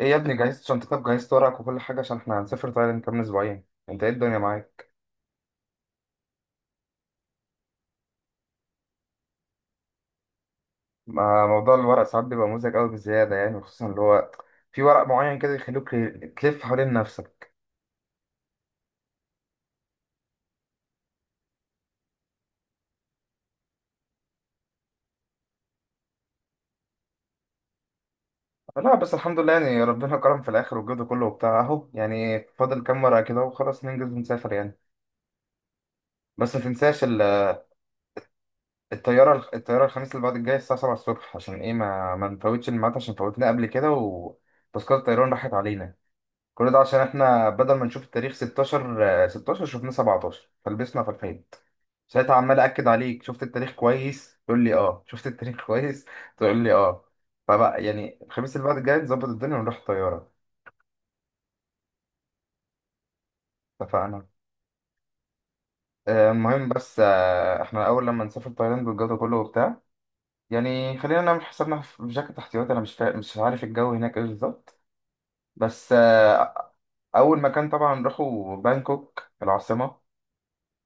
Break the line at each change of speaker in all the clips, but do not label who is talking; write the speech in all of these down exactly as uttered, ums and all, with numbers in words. ايه يا ابني، جهزت شنطتك، جهزت ورقك وكل حاجة؟ عشان احنا هنسافر تايلاند كمان اسبوعين. انت ايه الدنيا معاك؟ ما موضوع الورق ساعات بيبقى مزعج قوي بزيادة يعني، خصوصا اللي هو في ورق معين كده يخلوك تلف حوالين نفسك. لا بس الحمد لله، يعني ربنا كرم في الاخر والجد كله وبتاع اهو، يعني فاضل كام ورقة كده وخلاص ننجز ونسافر يعني. بس ما تنساش ال- الطيارة الطيارة الخميس اللي بعد الجاي الساعة السابعة الصبح، عشان ايه، ما ما نفوتش الميعاد عشان فوتنا قبل كده وتذكرة الطيران راحت علينا. كل ده عشان احنا بدل ما نشوف التاريخ ستاشر، آه، ستاشر شفناه سبعتاشر فلبسنا في الحيط. ساعتها عمال اكد عليك، شفت التاريخ كويس؟ تقول لي اه شفت التاريخ كويس، تقول لي اه. فبقى يعني الخميس اللي بعد الجاي نظبط الدنيا ونروح طياره. اتفقنا. آه، المهم، بس آه، احنا اول لما نسافر تايلاند والجو ده كله وبتاع، يعني خلينا نعمل حسابنا في في جاكيت احتياطي. انا مش فا... مش عارف الجو هناك ايه بالظبط. بس آه، اول مكان طبعا نروحه بانكوك العاصمه.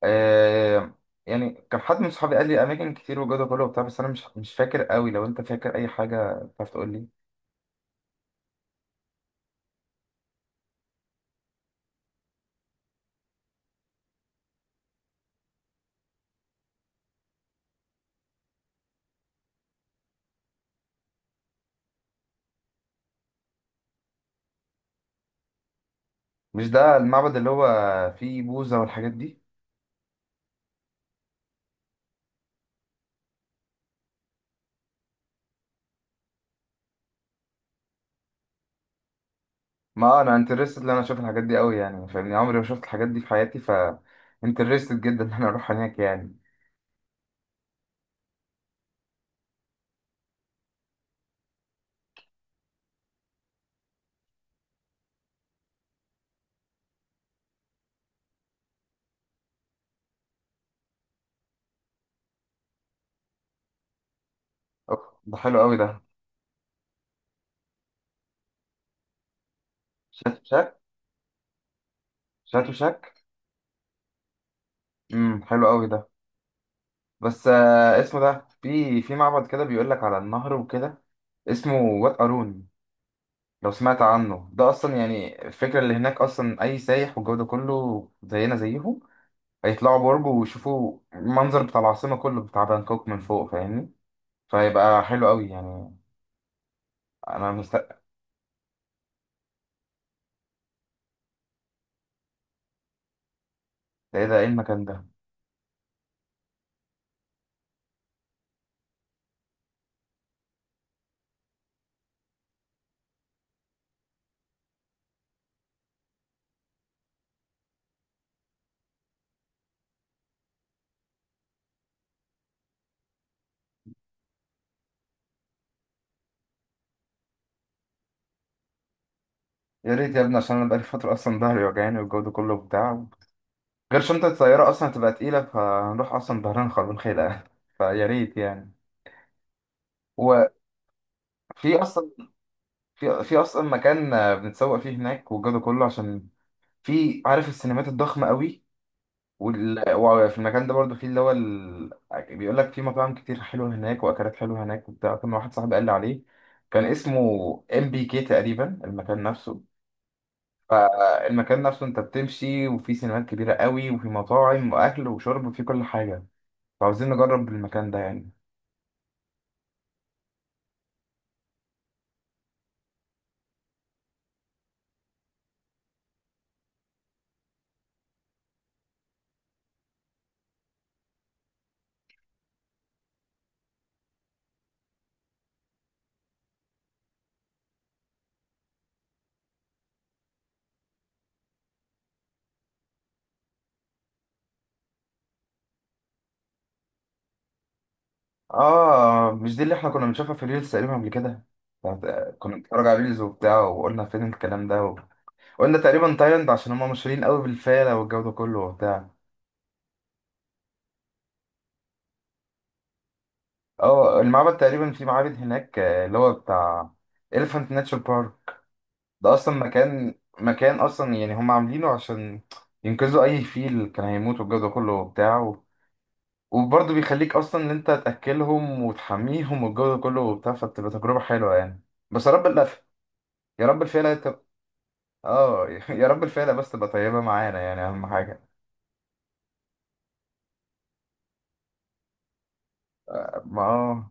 آه. يعني كان حد من صحابي قال لي اماكن كتير وجوده كله وبتاع، بس انا مش مش فاكر قوي، لو انت فاكر اي حاجه تعرف تقول لي. مش ده المعبد اللي هو فيه بوذا والحاجات دي؟ ما انا انترستد ان انا اشوف الحاجات دي قوي يعني، فاهمني، عمري ما شفت الحاجات دي في حياتي، ف انترستد جدا ان انا اروح هناك يعني. أوف، ده حلو قوي ده. شات شاك. شات وشاك. امم حلو قوي ده. بس آه اسمه ده، في في معبد كده بيقول لك على النهر وكده. اسمه وات ارون. لو سمعت عنه ده اصلا. يعني الفكره اللي هناك اصلا، اي سايح والجو ده كله زينا زيهم، هيطلعوا برج ويشوفوا المنظر بتاع العاصمه كله بتاع بانكوك من فوق، فاهمني. فهيبقى حلو قوي يعني. انا مست ده ايه، ده ايه المكان ده؟ يا ريت يا ابني، عشان انا بقالي فتره اصلا ظهري وجعاني والجو ده كله بتاع، غير شنطه الطياره اصلا هتبقى تقيله، فهنروح اصلا ظهرنا خربان خيلة فيا ريت يعني. وفي اصلا في في اصلا مكان، آه، بنتسوق فيه هناك والجو ده كله، عشان في، عارف، السينمات الضخمه قوي. وال... وفي المكان ده برضو، في اللي هو ال... بيقول لك في مطاعم كتير حلوه هناك واكلات حلوه هناك وبتاع. كان واحد صاحبي قال لي عليه، كان اسمه ام بي كي تقريبا المكان نفسه. فالمكان نفسه انت بتمشي وفي سينمات كبيره قوي، وفي مطاعم واكل وشرب وفي كل حاجه. فعاوزين نجرب المكان ده يعني. اه، مش دي اللي احنا كنا بنشوفها في ريلز تقريبا قبل كده؟ بتاعت- كنا بنتفرج على ريلز وبتاع وقلنا فين الكلام ده. و... قلنا تقريبا تايلاند، عشان هم مشهورين قوي بالفيلة والجو ده كله وبتاع. اه، المعبد تقريبا، في معابد هناك آه، اللي هو بتاع Elephant Nature Park. ده اصلا مكان، مكان اصلا يعني هم عاملينه عشان ينقذوا اي فيل كان هيموت والجو ده كله وبتاع، و- وبرضه بيخليك اصلا ان انت تاكلهم وتحميهم والجو ده كله وبتاع، فبتبقى تجربه حلوه يعني. بس يا رب اللفه، يا رب الفيله تبقى، اه يا رب الفيله بس تبقى طيبه معانا، يعني اهم حاجه. ما اه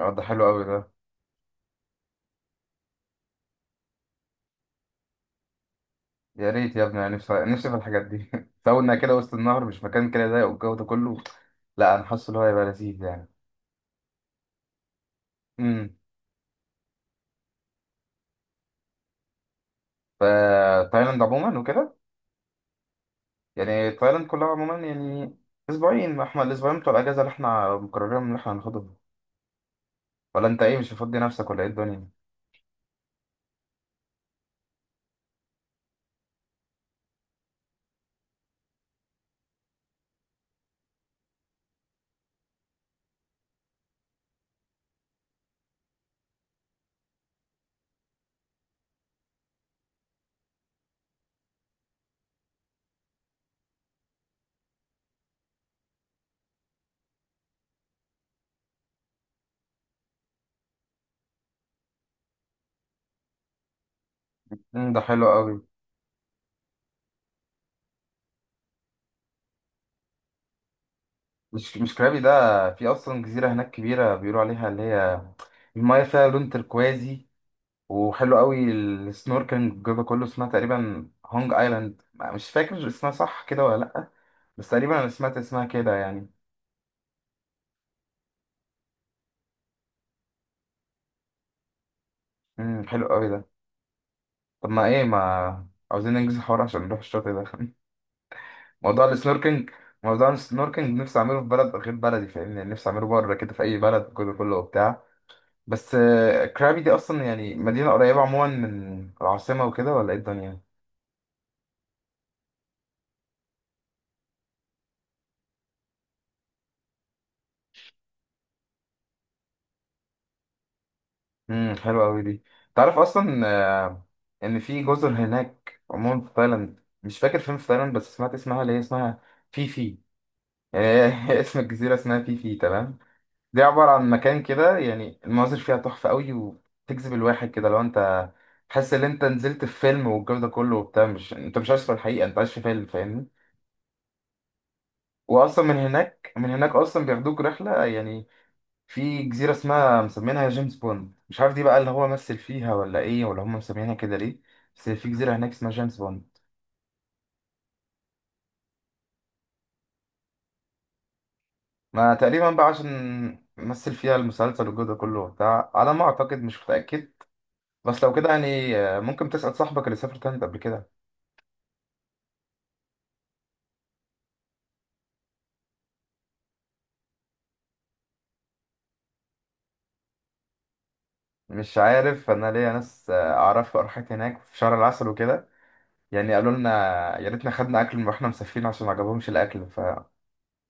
آه، ده حلو قوي ده. يا ريت يا ابني، انا نفسي نفسي في الحاجات دي كوننا كده وسط النهر، مش مكان كده ضيق والجو ده كله. لا، انا حاسس ان هو هيبقى لذيذ يعني. امم. فتايلاند عموما وكده، يعني تايلاند كلها عموما يعني اسبوعين، ما احنا الاسبوعين بتوع الاجازه اللي احنا مقررين ان احنا هناخدهم. ولا انت ايه، مش هتفضي نفسك ولا ايه الدنيا؟ امم ده حلو قوي. مش مش كرابي ده. في اصلا جزيره هناك كبيره بيقولوا عليها اللي هي المايه فيها لون تركوازي، وحلو قوي السنوركلينج الجزء كله، اسمها تقريبا هونج ايلاند، مش فاكر اسمها صح كده ولا لأ. بس تقريبا انا سمعت اسمها كده يعني. امم حلو قوي ده. طب ما ايه، ما عاوزين ننجز الحوار عشان نروح الشاطئ ده موضوع السنوركلينج، موضوع السنوركلينج نفسي اعمله في بلد غير بلدي، فاهمني، نفسي اعمله بره كده في اي بلد، الجزء كله وبتاع. بس آه، كرابي دي اصلا يعني مدينة قريبة عموما من العاصمة وكده، ولا ايه الدنيا؟ امم حلوة قوي دي. تعرف اصلا، آه، ان في جزر هناك عموما في تايلاند، مش فاكر فين في تايلاند، بس سمعت اسمها اللي هي اسمها فيفي يعني. هي اسم الجزيرة اسمها فيفي، تمام. دي عبارة عن مكان كده، يعني المناظر فيها تحفة قوي وتجذب الواحد كده، لو انت تحس ان انت نزلت في فيلم والجو ده كله وبتاع، مش انت مش عايش في الحقيقة، انت عايش في فيلم، فاهمني. واصلا من هناك من هناك اصلا بياخدوك رحلة يعني. في جزيرة اسمها، مسمينها جيمس بوند، مش عارف دي بقى اللي هو مثل فيها، ولا ايه، ولا هم مسمينها كده ليه. بس في جزيرة هناك اسمها جيمس بوند. ما تقريبا بقى عشان مثل فيها المسلسل والجو ده كله وبتاع، على ما اعتقد، مش متأكد. بس لو كده يعني، آه، ممكن تسأل صاحبك اللي سافر تايلاند قبل كده. مش عارف، انا ليا ناس آه، اعرفها راحت هناك في شهر العسل وكده، يعني قالوا لنا يا ريتنا خدنا اكل من واحنا مسافرين عشان ما عجبهمش الاكل، ف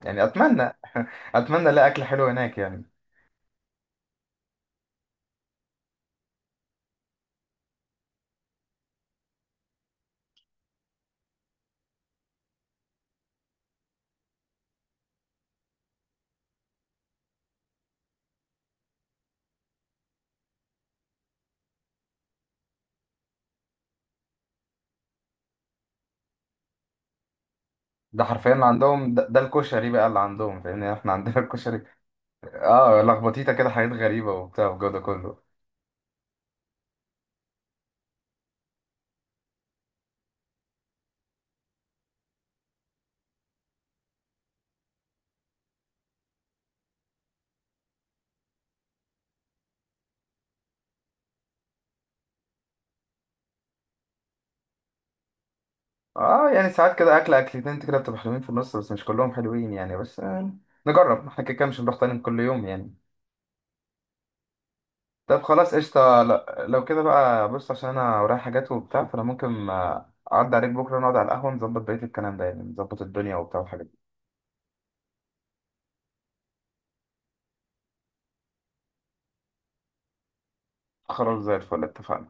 يعني اتمنى اتمنى الاقي اكل حلو هناك يعني. ده حرفيا اللي عندهم ده, ده الكشري بقى اللي عندهم، فاهمني؟ يعني احنا عندنا الكشري. اه، لخبطيته كده حاجات غريبة وبتاع والجو ده كله. اه يعني ساعات كده اكل اكلتين كده بتبقى حلوين في النص، بس مش كلهم حلوين يعني. بس آه نجرب احنا، كده كده مش هنروح تاني كل يوم يعني. طب خلاص قشطة، لا- لو كده بقى، بص، عشان انا ورايا حاجات وبتاع، فانا ممكن آه، اعدي عليك بكرة نقعد على القهوة نظبط بقية الكلام ده، يعني نظبط الدنيا وبتاع والحاجات دي. خلاص زي الفل، اتفقنا.